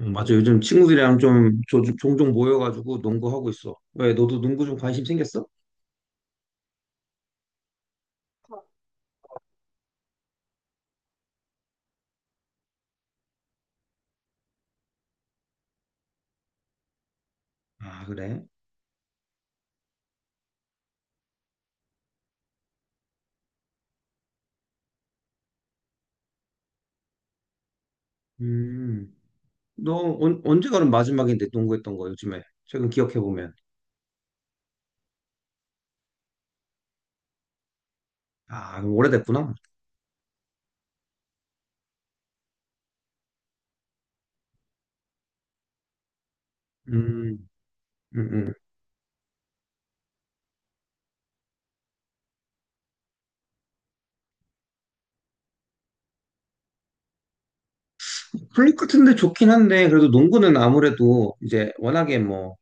맞아. 요즘 친구들이랑 좀 종종 모여가지고 농구하고 있어. 왜, 너도 농구 좀 관심 생겼어? 아, 그래? 음, 너 언제가 그럼 마지막인데 농구했던 거 요즘에? 최근 기억해보면. 아, 그럼 오래됐구나. 음, 음, 음. 클립 같은데 좋긴 한데, 그래도 농구는 아무래도 이제 워낙에 뭐,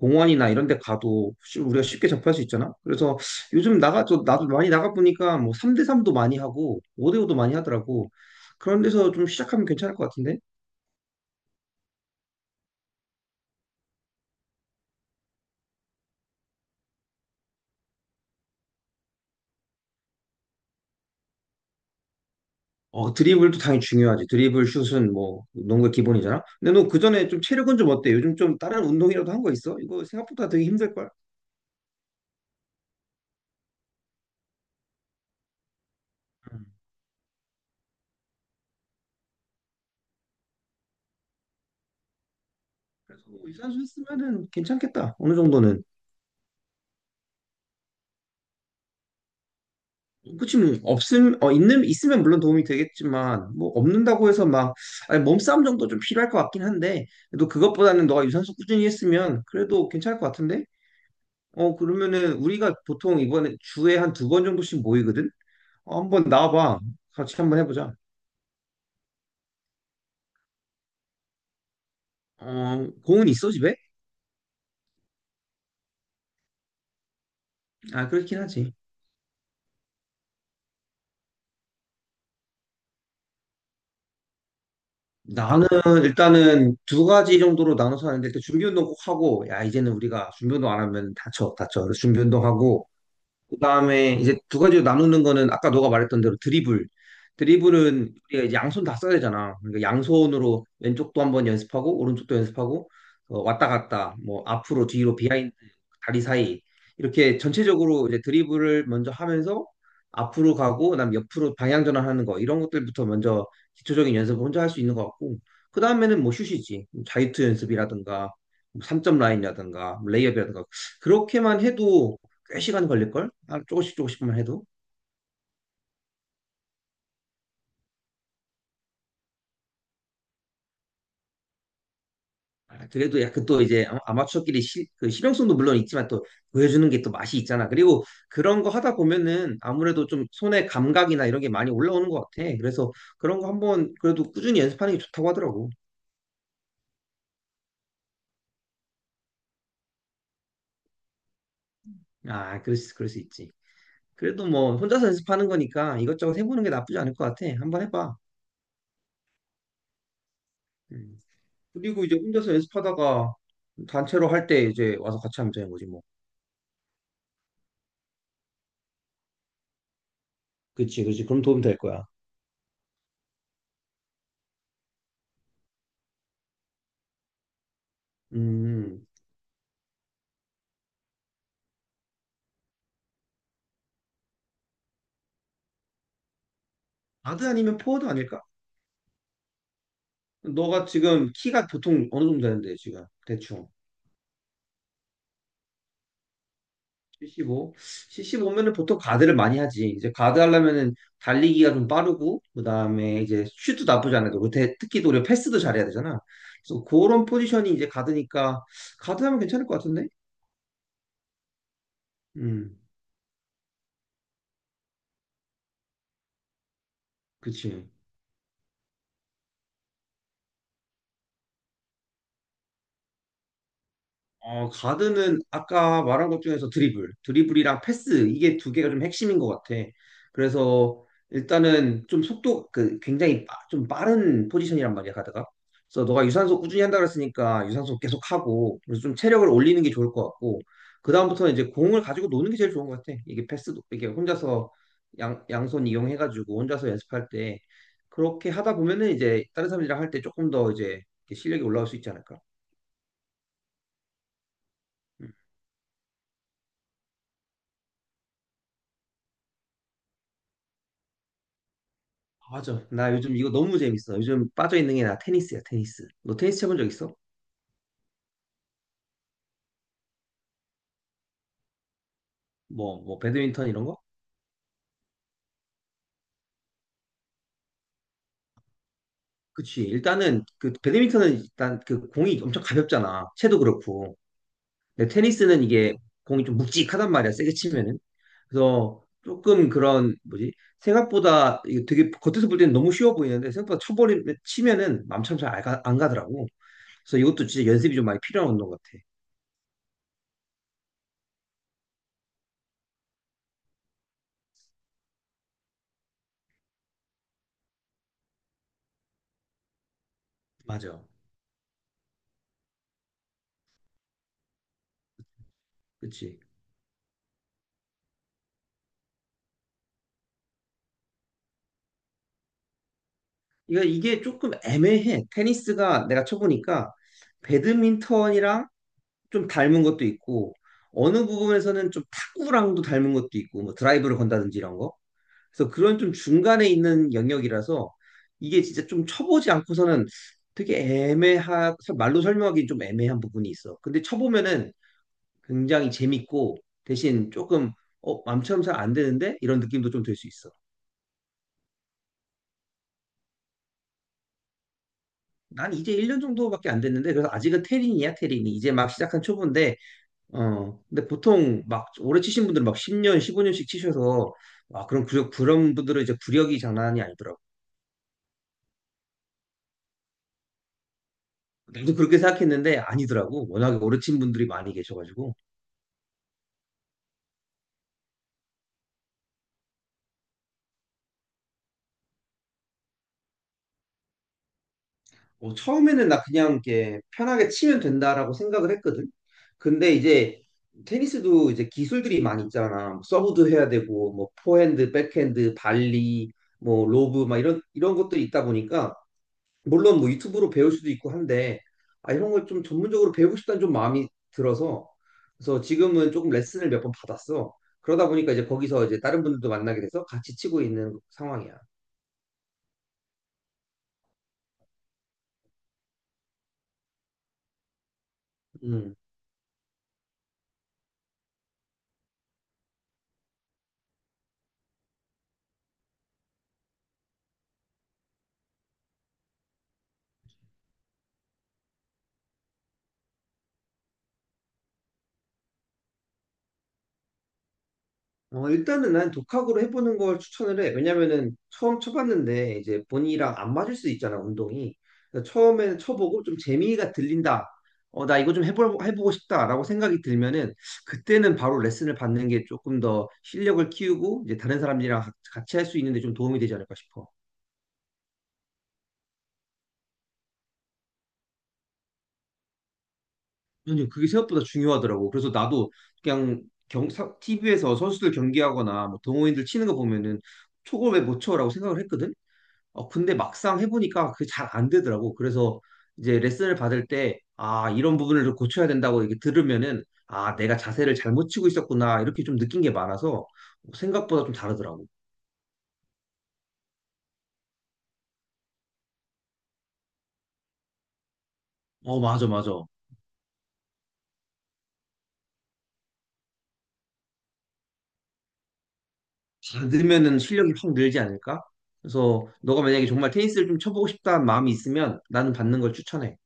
공원이나 이런 데 가도 우리가 쉽게 접할 수 있잖아? 그래서 요즘 나도 많이 나가보니까 뭐 3대3도 많이 하고, 5대5도 많이 하더라고. 그런 데서 좀 시작하면 괜찮을 것 같은데? 어, 드리블도 당연히 중요하지. 드리블, 슛은 뭐, 농구의 기본이잖아. 근데 너 그전에 좀 체력은 좀 어때? 요즘 좀 다른 운동이라도 한 거 있어? 이거 생각보다 되게 힘들걸? 음. 그래서 뭐이 선수 있으면은 괜찮겠다. 어느 정도는. 그치, 뭐, 있으면 물론 도움이 되겠지만, 뭐, 없는다고 해서 막, 아니, 몸싸움 정도 좀 필요할 것 같긴 한데, 그래도 그것보다는 너가 유산소 꾸준히 했으면 그래도 괜찮을 것 같은데? 어, 그러면은 우리가 보통 이번에 주에 한 두 번 정도씩 모이거든? 어, 한번 나와봐. 같이 한번 해보자. 어, 공은 있어, 집에? 아, 그렇긴 하지. 나는 일단은 두 가지 정도로 나눠서 하는데, 일단 준비 운동 꼭 하고, 야, 이제는 우리가 준비 운동 안 하면 다쳐, 다쳐. 그래서 준비 운동 하고, 그다음에 이제 두 가지로 나누는 거는 아까 너가 말했던 대로 드리블. 드리블은 우리가 이제 양손 다 써야 되잖아. 그러니까 양손으로 왼쪽도 한번 연습하고 오른쪽도 연습하고 어, 왔다 갔다 뭐 앞으로 뒤로 비하인드 다리 사이 이렇게 전체적으로 이제 드리블을 먼저 하면서 앞으로 가고 그다음 옆으로 방향 전환하는 거 이런 것들부터 먼저 기초적인 연습을 혼자 할 수 있는 것 같고 그다음에는 뭐 슛이지. 자유투 연습이라든가 뭐 3점 라인이라든가 뭐 레이업이라든가 그렇게만 해도 꽤 시간 걸릴걸? 아, 조금씩 조금씩만 해도. 아, 그래도 약간 또 이제 아마추어끼리 그 실용성도 물론 있지만 또 보여주는 게 또 맛이 있잖아. 그리고 그런 거 하다 보면은 아무래도 좀 손의 감각이나 이런 게 많이 올라오는 것 같아. 그래서 그런 거 한번 그래도 꾸준히 연습하는 게 좋다고 하더라고. 아, 그럴 수 있지. 그래도 뭐 혼자서 연습하는 거니까 이것저것 해보는 게 나쁘지 않을 것 같아. 한번 해봐. 음. 그리고 이제 혼자서 연습하다가 단체로 할 때 이제 와서 같이 하면 되는 거지 뭐. 그치, 그치. 그럼 도움 될 거야. 음. 가드 아니면 포워드 아닐까? 너가 지금 키가 보통 어느 정도 되는데 지금 대충 75? 75면은 보통 가드를 많이 하지. 이제 가드 하려면은 달리기가 좀 빠르고 그다음에 이제 슛도 나쁘지 않아도 특히 또 우리가 패스도 잘해야 되잖아. 그래서 그런 포지션이 이제 가드니까 가드 하면 괜찮을 것 같은데? 음, 그치. 어, 가드는 아까 말한 것 중에서 드리블, 드리블이랑 패스 이게 두 개가 좀 핵심인 것 같아. 그래서 일단은 좀 속도 그 굉장히 좀 빠른 포지션이란 말이야 가드가. 그래서 너가 유산소 꾸준히 한다 그랬으니까 유산소 계속 하고 그래서 좀 체력을 올리는 게 좋을 것 같고 그 다음부터는 이제 공을 가지고 노는 게 제일 좋은 것 같아. 이게 패스도 이게 혼자서 양 양손 이용해가지고 혼자서 연습할 때 그렇게 하다 보면은 이제 다른 사람들이랑 할 때 조금 더 이제 실력이 올라올 수 있지 않을까. 아, 맞아. 나 요즘 이거 너무 재밌어. 요즘 빠져있는 게 나 테니스야, 테니스. 너 테니스 쳐본 적 있어? 뭐, 배드민턴 이런 거? 그치. 일단은, 그, 배드민턴은 일단 그 공이 엄청 가볍잖아. 채도 그렇고. 근데 테니스는 이게 공이 좀 묵직하단 말이야, 세게 치면은. 그래서 조금 그런, 뭐지? 생각보다 이게 되게 겉에서 볼 때는 너무 쉬워 보이는데 생각보다 치면은 맘처럼 잘 안 가더라고. 그래서 이것도 진짜 연습이 좀 많이 필요한 운동 같아. 맞아. 그치. 이거 이게 조금 애매해. 테니스가 내가 쳐보니까 배드민턴이랑 좀 닮은 것도 있고 어느 부분에서는 좀 탁구랑도 닮은 것도 있고 뭐 드라이브를 건다든지 이런 거. 그래서 그런 좀 중간에 있는 영역이라서 이게 진짜 좀 쳐보지 않고서는 되게 말로 설명하기 좀 애매한 부분이 있어. 근데 쳐보면은 굉장히 재밌고 대신 조금 어, 맘처럼 잘 안 되는데 이런 느낌도 좀 들 수 있어. 난 이제 1년 정도밖에 안 됐는데 그래서 아직은 테린이야 테린이 이제 막 시작한 초보인데 어 근데 보통 막 오래 치신 분들은 막 10년 15년씩 치셔서 아 그럼 그 그런 분들은 이제 구력이 장난이 아니더라고. 나도 그렇게 생각했는데 아니더라고 워낙에 오래 친 분들이 많이 계셔가지고 어, 처음에는 나 그냥 이렇게 편하게 치면 된다라고 생각을 했거든 근데 이제 테니스도 이제 기술들이 많이 있잖아 뭐 서브도 해야 되고 뭐 포핸드 백핸드 발리 뭐 로브 막 이런 것들이 있다 보니까 물론 뭐 유튜브로 배울 수도 있고 한데 아, 이런 걸 좀 전문적으로 배우고 싶다는 좀 마음이 들어서 그래서 지금은 조금 레슨을 몇 번 받았어. 그러다 보니까 이제 거기서 이제 다른 분들도 만나게 돼서 같이 치고 있는 상황이야. 음. 어, 일단은 난 독학으로 해보는 걸 추천을 해. 왜냐면은 처음 쳐봤는데 이제 본인이랑 안 맞을 수 있잖아, 운동이. 그래서 처음에는 쳐보고 좀 재미가 들린다. 어, 나 이거 좀 해보고 싶다라고 생각이 들면은 그때는 바로 레슨을 받는 게 조금 더 실력을 키우고 이제 다른 사람들이랑 같이 할 수 있는데 좀 도움이 되지 않을까 싶어. 아니, 그게 생각보다 중요하더라고. 그래서 나도 그냥 경, TV에서 선수들 경기하거나 뭐 동호인들 치는 거 보면은 저걸 왜 못 쳐라고 생각을 했거든. 어, 근데 막상 해보니까 그게 잘 안 되더라고. 그래서 이제 레슨을 받을 때, 아, 이런 부분을 좀 고쳐야 된다고 이렇게 들으면은, 아, 내가 자세를 잘못 치고 있었구나. 이렇게 좀 느낀 게 많아서 생각보다 좀 다르더라고. 어, 맞아, 맞아. 받으면은 실력이 확 늘지 않을까? 그래서 너가 만약에 정말 테니스를 좀 쳐보고 싶다는 마음이 있으면 나는 받는 걸 추천해.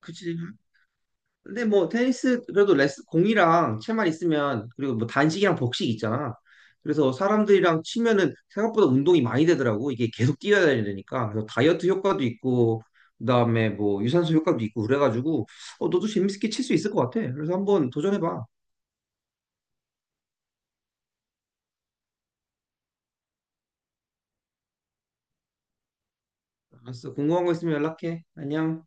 그치? 근데 뭐 테니스 그래도 레스 공이랑 채만 있으면 그리고 뭐 단식이랑 복식 있잖아. 그래서 사람들이랑 치면은 생각보다 운동이 많이 되더라고. 이게 계속 뛰어야 되니까. 그래서 다이어트 효과도 있고 그다음에 뭐 유산소 효과도 있고 그래가지고 어, 너도 재밌게 칠 수 있을 것 같아. 그래서 한번 도전해봐. 알았어. 궁금한 거 있으면 연락해. 안녕.